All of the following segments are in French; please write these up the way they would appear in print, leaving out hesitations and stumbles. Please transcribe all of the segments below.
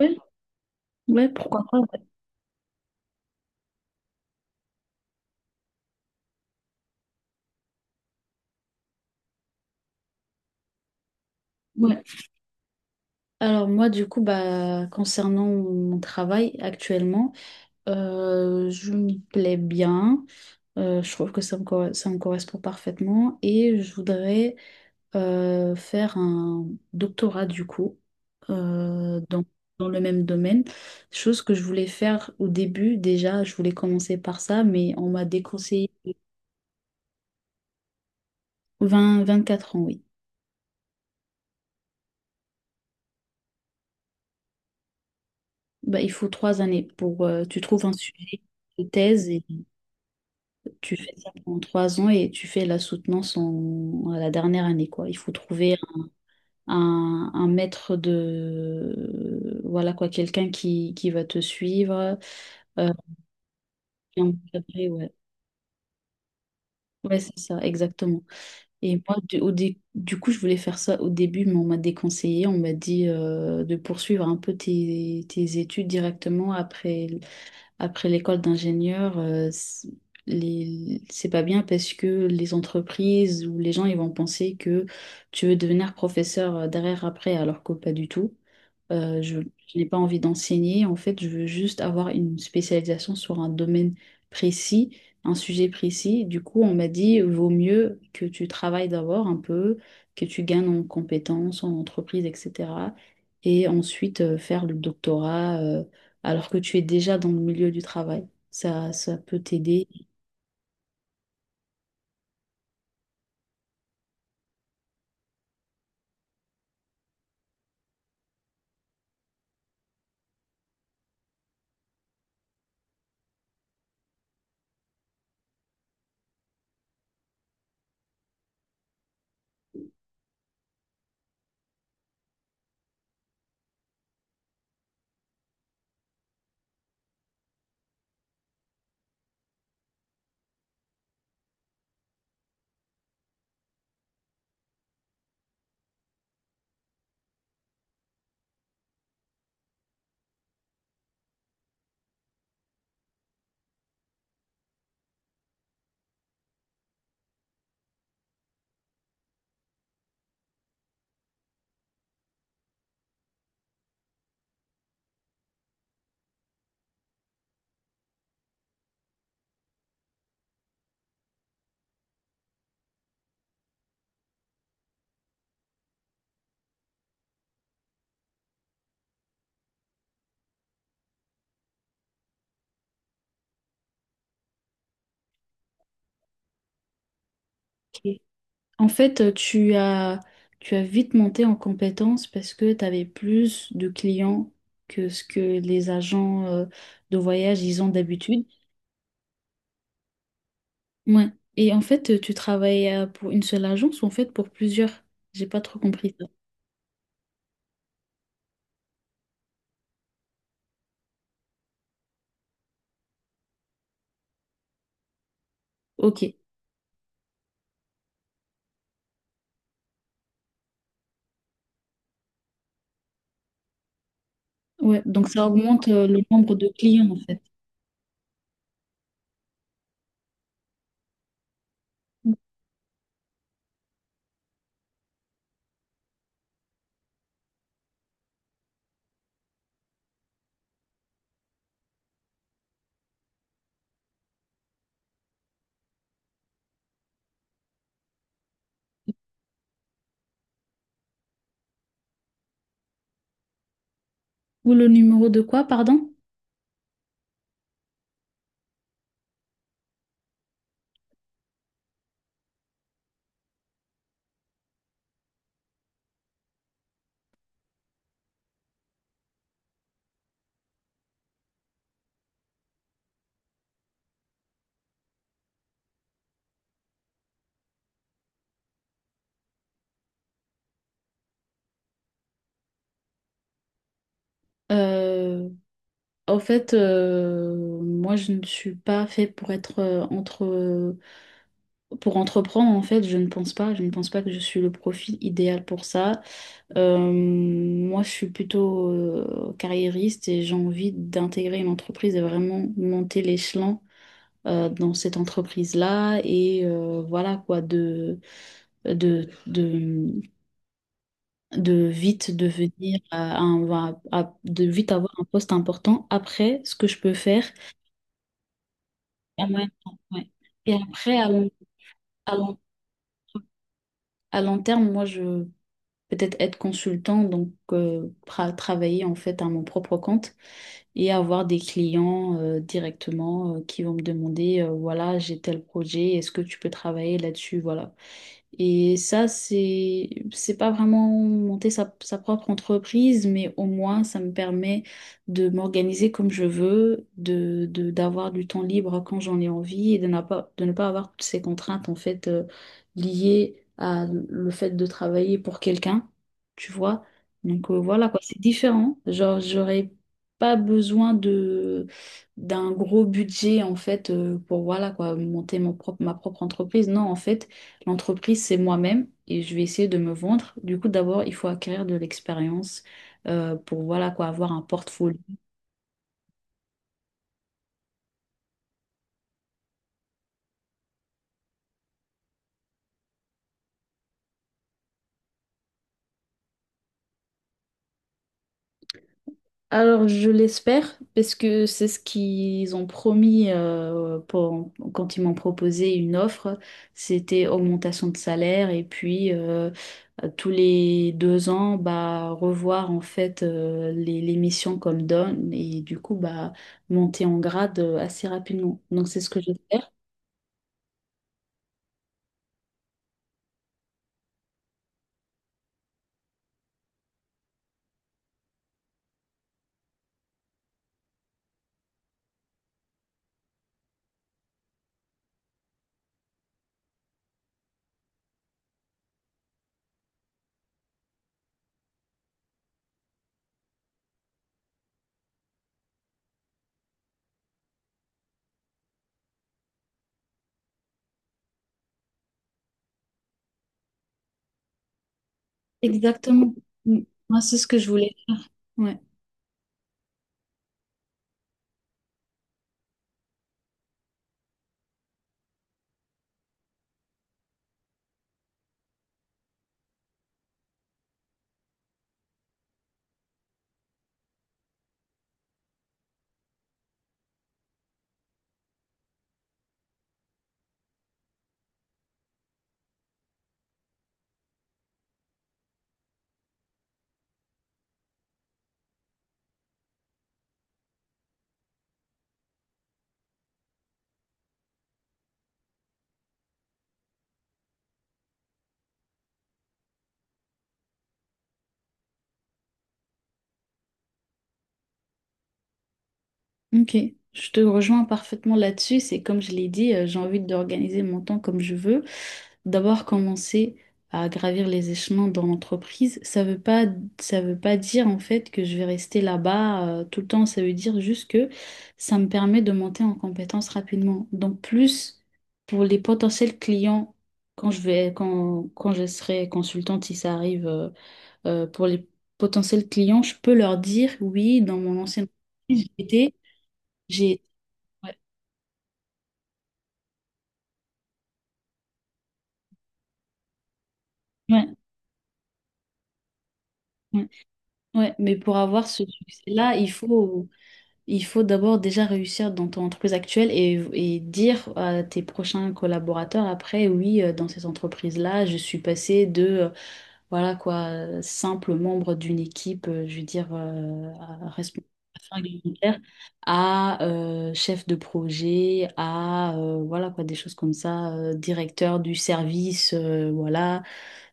Ouais, ouais, pourquoi? Ouais. Alors moi, du coup, bah, concernant mon travail actuellement, je me plais bien. Je trouve que ça me correspond parfaitement et je voudrais faire un doctorat du coup euh, dans, dans le même domaine. Chose que je voulais faire au début déjà, je voulais commencer par ça, mais on m'a déconseillé. Vingt vingt-quatre ans, oui. Bah, il faut trois années pour tu trouves un sujet de thèse. Et tu fais ça pendant trois ans et tu fais la soutenance en, à la dernière année, quoi. Il faut trouver un maître de... Voilà, quoi, quelqu'un qui va te suivre, euh, qui est encadré, ouais. Ouais, c'est ça, exactement. Et moi, du, au dé- Du coup, je voulais faire ça au début, mais on m'a déconseillé. On m'a dit de poursuivre un peu tes études directement après. Après l'école d'ingénieur, c'est pas bien parce que les entreprises ou les gens, ils vont penser que tu veux devenir professeur derrière après, alors que pas du tout. Euh, je, je n'ai pas envie d'enseigner. En fait, je veux juste avoir une spécialisation sur un domaine précis, un sujet précis. Du coup, on m'a dit, vaut mieux que tu travailles d'abord un peu, que tu gagnes en compétences, en entreprise, etc. Et ensuite, faire le doctorat, alors que tu es déjà dans le milieu du travail. Ça peut t'aider. Ok. En fait, tu as, Tu as vite monté en compétence parce que tu avais plus de clients que ce que les agents de voyage ils ont d'habitude. Ouais. Et en fait, tu travailles pour une seule agence ou en fait pour plusieurs? J'ai pas trop compris ça. Ok. Ouais. Donc ça augmente le nombre de clients en fait. Ou le numéro de quoi, pardon? Euh, en fait, moi je ne suis pas fait pour être entre Pour entreprendre, en fait, je ne pense pas. Je ne pense pas que je suis le profil idéal pour ça. Moi, je suis plutôt carriériste et j'ai envie d'intégrer une entreprise et vraiment monter l'échelon dans cette entreprise-là. Et voilà quoi, de, de, de vite devenir à un- à- de vite avoir un poste important. Après, ce que je peux faire à moyen terme, ouais. Et après, à long, à long terme, moi, je peut-être être consultant, donc travailler en fait à mon propre compte et avoir des clients directement qui vont me demander, voilà, j'ai tel projet, est-ce que tu peux travailler là-dessus? Voilà. Et ça, c'est pas vraiment monter sa propre entreprise, mais au moins, ça me permet de m'organiser comme je veux, d'avoir du temps libre quand j'en ai envie et de ne pas avoir toutes ces contraintes, en fait, liées à le fait de travailler pour quelqu'un, tu vois. Donc, voilà, quoi, c'est différent. Genre, j'aurais pas besoin de, d'un gros budget, en fait, pour, voilà, quoi, monter ma propre entreprise. Non, en fait. L'entreprise, c'est moi-même et je vais essayer de me vendre. Du coup, d'abord, il faut acquérir de l'expérience pour voilà quoi, avoir un portfolio. Alors, je l'espère parce que c'est ce qu'ils ont promis quand ils m'ont proposé une offre. C'était augmentation de salaire et puis tous les deux ans, bah, revoir en fait les missions comme donne et du coup, bah, monter en grade assez rapidement. Donc, c'est ce que j'espère. Exactement. Mm. Moi, c'est ce que je voulais faire. Ouais. Ok. Je te rejoins parfaitement là-dessus. C'est comme je l'ai dit, j'ai envie d'organiser mon temps comme je veux. D'abord, commencer à gravir les échelons dans l'entreprise. Ça veut pas dire en fait que je vais rester là-bas tout le temps. Ça veut dire juste que ça me permet de monter en compétences rapidement. Donc, plus pour les potentiels clients quand quand je serai consultante, si ça arrive. Pour les potentiels clients, je peux leur dire, oui, dans mon ancienne entreprise, j'ai... Ouais, ouais, ouais, ouais. Mais pour avoir ce succès-là, il faut d'abord déjà réussir dans ton entreprise actuelle et dire à tes prochains collaborateurs après, oui, dans cette entreprise-là, je suis passée de voilà quoi, simple membre d'une équipe, je veux dire, responsable affaires alimentaires, à chef de projet, à voilà quoi, des choses comme ça, directeur du service, voilà,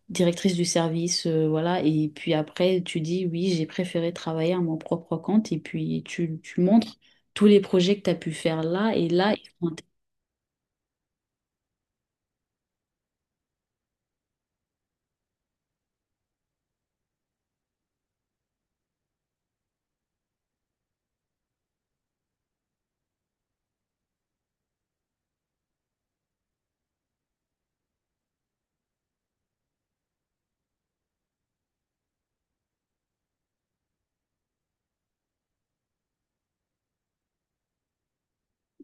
directrice du service, voilà, et puis après tu dis oui, j'ai préféré travailler à mon propre compte, et puis tu montres tous les projets que tu as pu faire là, et là, ils sont intér-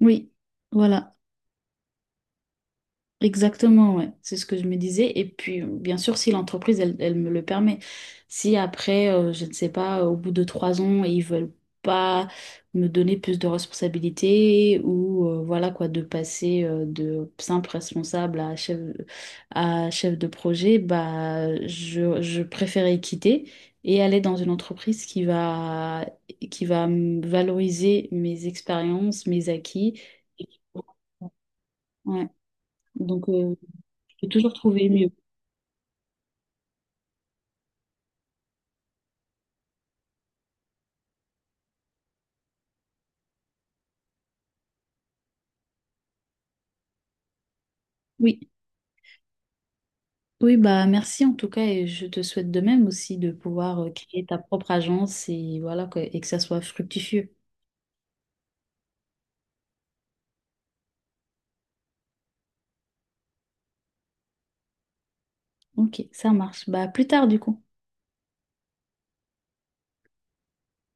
oui, voilà. Exactement, ouais. C'est ce que je me disais. Et puis, bien sûr, si l'entreprise, elle, elle me le permet. Si après, je ne sais pas, au bout de trois ans, ils veulent pas me donner plus de responsabilités ou voilà quoi, de passer de simple responsable à chef de projet, bah, je préférais quitter et aller dans une entreprise qui va me valoriser mes expériences, mes acquis. Et qui- Ouais. Donc, j'ai toujours trouvé mieux. Oui, oui, bah merci en tout cas et je te souhaite de même aussi de pouvoir créer ta propre agence et voilà que, et que ça soit fructifieux. Ok, ça marche. Bah à plus tard du coup.